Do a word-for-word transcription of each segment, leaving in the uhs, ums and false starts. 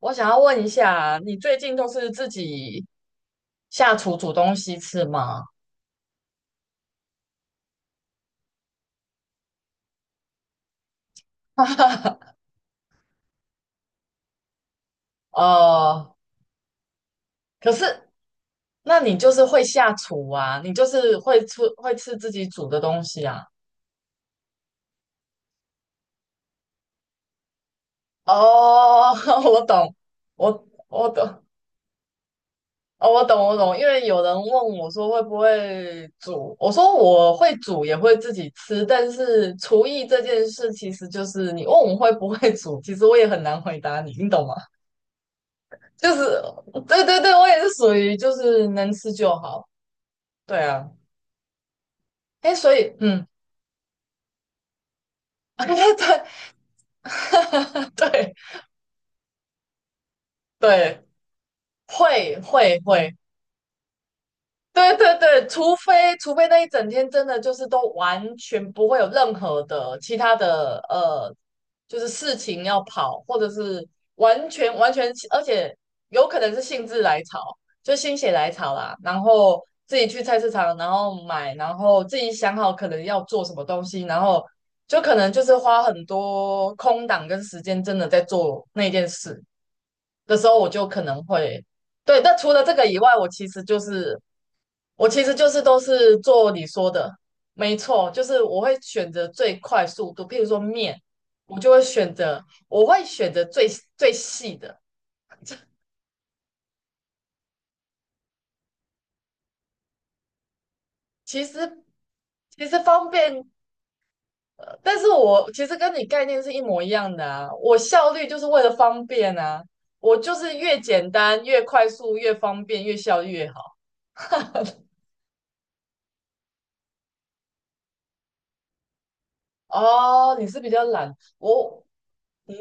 我想要问一下，你最近都是自己下厨煮东西吃吗？呃，可是那你就是会下厨啊，你就是会吃会吃自己煮的东西啊。哦，我懂，我我懂，哦，我懂我懂，因为有人问我说会不会煮，我说我会煮，也会自己吃，但是厨艺这件事其实就是你问我会不会煮，其实我也很难回答你，你懂吗？就是，对对对，我也是属于就是能吃就好。对啊，哎，所以嗯，对对对，会会会，对对对，除非除非那一整天真的就是都完全不会有任何的其他的呃，就是事情要跑，或者是完全完全，而且有可能是兴致来潮，就心血来潮啦，然后自己去菜市场，然后买，然后自己想好可能要做什么东西，然后就可能就是花很多空档跟时间，真的在做那件事的时候，我就可能会。对，那除了这个以外，我其实就是我其实就是都是做你说的，没错，就是我会选择最快速度，譬如说面，我就会选择，我会选择最最细的。其实其实方便，呃，但是我其实跟你概念是一模一样的啊。我效率就是为了方便啊，我就是越简单、越快速、越方便、越效率越好。哦，你是比较懒，我你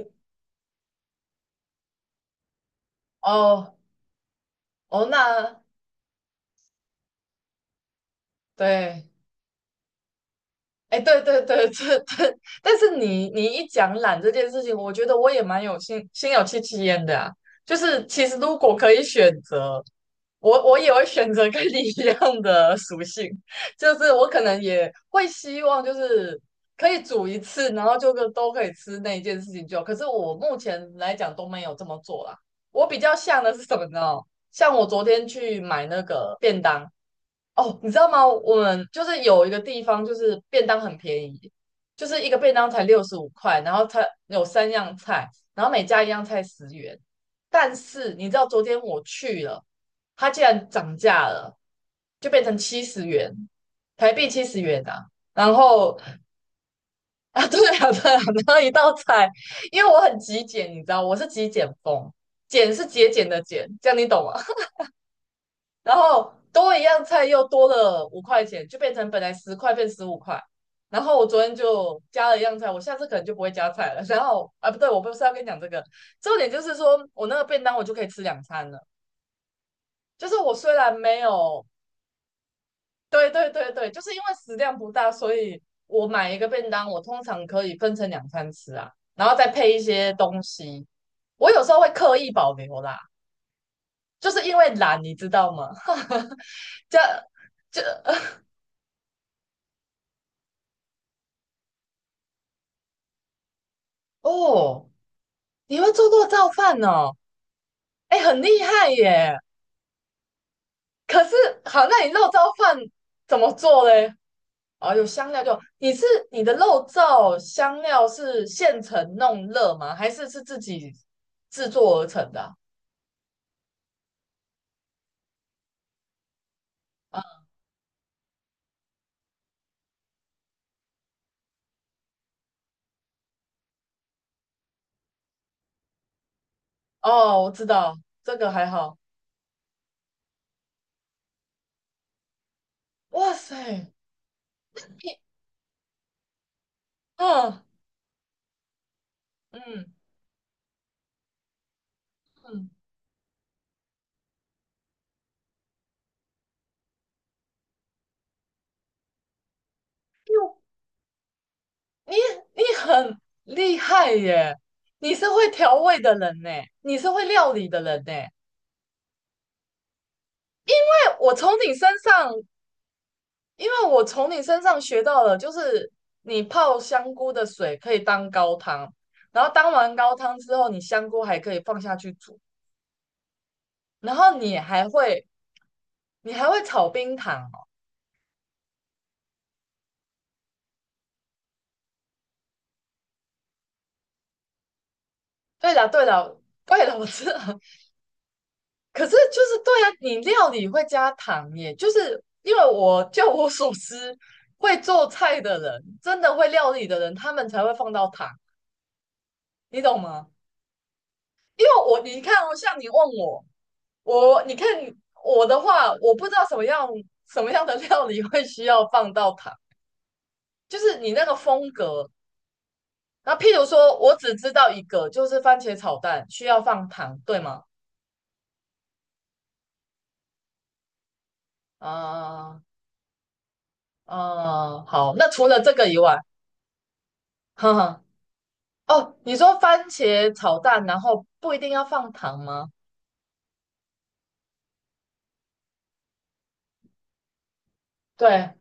哦哦，那对哎，对对对这这，但是你你一讲懒这件事情，我觉得我也蛮有心心有戚戚焉的啊。就是其实如果可以选择，我我也会选择跟你一样的属性，就是我可能也会希望就是可以煮一次，然后就个都可以吃那一件事情就好可是我目前来讲都没有这么做啦。我比较像的是什么呢？像我昨天去买那个便当。哦，你知道吗？我们就是有一个地方，就是便当很便宜，就是一个便当才六十五块，然后它有三样菜，然后每加一样菜十元。但是你知道昨天我去了，它竟然涨价了，就变成七十元，台币七十元啊。然后啊，对啊，对啊，然后一道菜，因为我很极简，你知道，我是极简风，简是节俭的简，这样你懂吗？然后多一样菜又多了五块钱，就变成本来十块变十五块。然后我昨天就加了一样菜，我下次可能就不会加菜了。然后啊，不对，我不是要跟你讲这个，重点就是说我那个便当我就可以吃两餐了。就是我虽然没有，对对对对，就是因为食量不大，所以我买一个便当，我通常可以分成两餐吃啊，然后再配一些东西。我有时候会刻意保留啦，就是因为懒，你知道吗？这这哦。你会做肉燥饭哦？哎，很厉害耶！可是好，那你肉燥饭怎么做嘞？哦，有香料就你是你的肉燥香料是现成弄热吗？还是是自己制作而成的啊？啊哦，我知道，这个还好。哇塞，你嗯嗯嗯，哟你你很厉害耶！你是会调味的人呢，你是会料理的人呢。哎我从你身上因为我从你身上学到了，就是你泡香菇的水可以当高汤，然后当完高汤之后，你香菇还可以放下去煮，然后你还会你还会炒冰糖哦。对了对了对了，我知道。可是就是对啊，你料理会加糖耶，就是因为我就我所知，会做菜的人，真的会料理的人，他们才会放到糖，你懂吗？因为我你看哦，像你问我。我你看我的话，我不知道什么样什么样的料理会需要放到糖，就是你那个风格。那譬如说，我只知道一个，就是番茄炒蛋需要放糖，对吗？啊、啊、好，那除了这个以外，哈哈，哦，你说番茄炒蛋，然后不一定要放糖吗？对，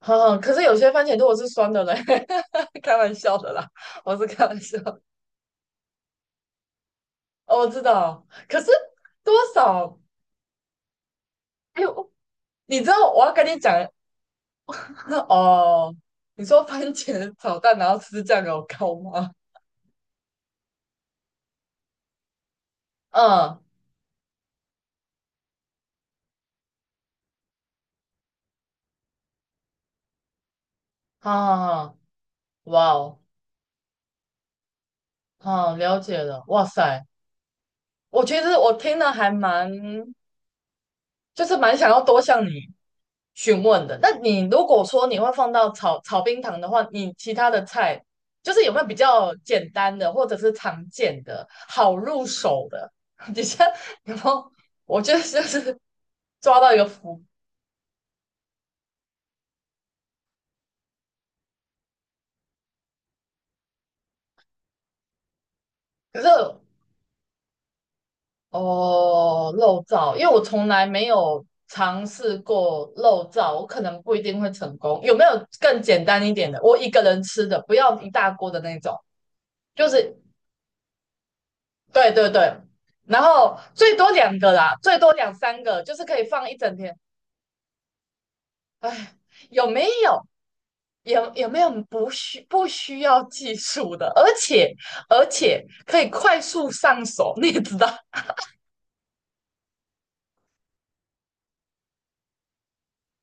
哈哈，可是有些番茄如果是酸的嘞，开玩笑的啦，我是开玩笑，哦，我知道，可是多少？哎，呦。你知道我要跟你讲，那哦，你说番茄炒蛋然后吃酱油膏吗？嗯，好好好，哇哦，好了解了，哇塞，我其实我听了还蛮，就是蛮想要多向你询问的。那你如果说你会放到炒炒冰糖的话，你其他的菜就是有没有比较简单的，或者是常见的、好入手的？你像有没有？我觉得就是抓到一个福，可是哦，漏照，因为我从来没有尝试过漏照，我可能不一定会成功。有没有更简单一点的？我一个人吃的，不要一大锅的那种，就是对对对，然后最多两个啦，最多两三个，就是可以放一整天。哎，有没有？有有没有不需不需要技术的，而且而且可以快速上手？你也知道，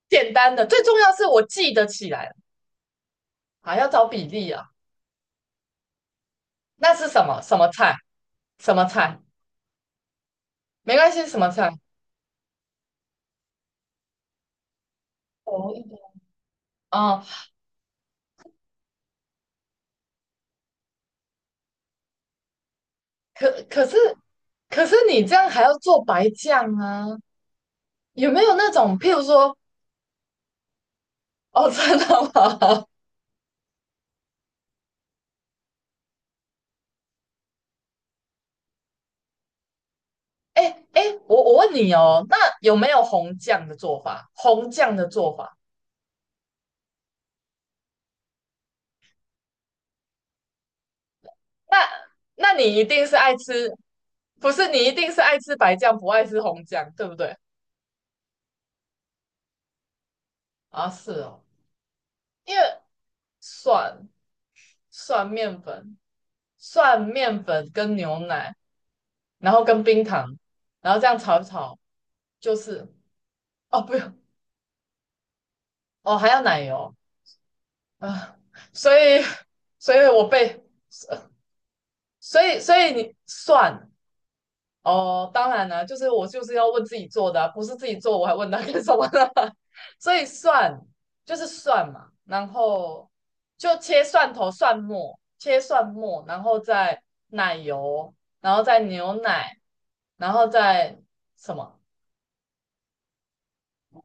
简单的，最重要是我记得起来，还要找比例啊。那是什么什么菜？什么菜？没关系，什么菜？哦，一点哦，可可是可是你这样还要做白酱啊？有没有那种，譬如说，哦，真的吗？哎哎，我我问你哦，那有没有红酱的做法？红酱的做法，那那你一定是爱吃，不是你一定是爱吃白酱，不爱吃红酱，对不对？啊，是哦，因为蒜蒜面粉、蒜面粉跟牛奶，然后跟冰糖，然后这样炒一炒，就是哦，不用哦，还要奶油啊，所以所以我被，呃所以所以你蒜哦，当然了、就是我就是要问自己做的啊不是自己做我还问他干什么呢？所以蒜就是蒜嘛，然后就切蒜头、蒜末，切蒜末，然后再奶油，然后再牛奶，然后再什么？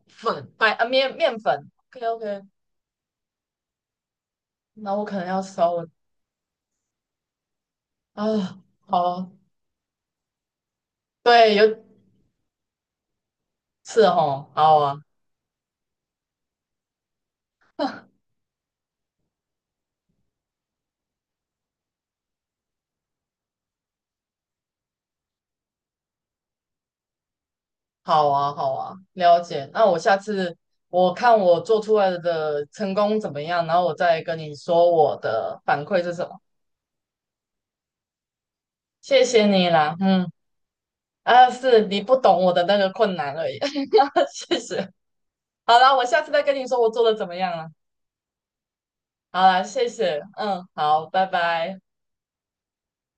粉白呃面面粉，OK OK，那我可能要稍微啊，好啊对，有是哦，好啊，好啊，好啊，了解。那我下次我看我做出来的成功怎么样，然后我再跟你说我的反馈是什么。谢谢你啦，嗯，啊，是你不懂我的那个困难而已，谢谢。好啦，我下次再跟你说我做的怎么样了。好啦，谢谢，嗯，好，拜拜。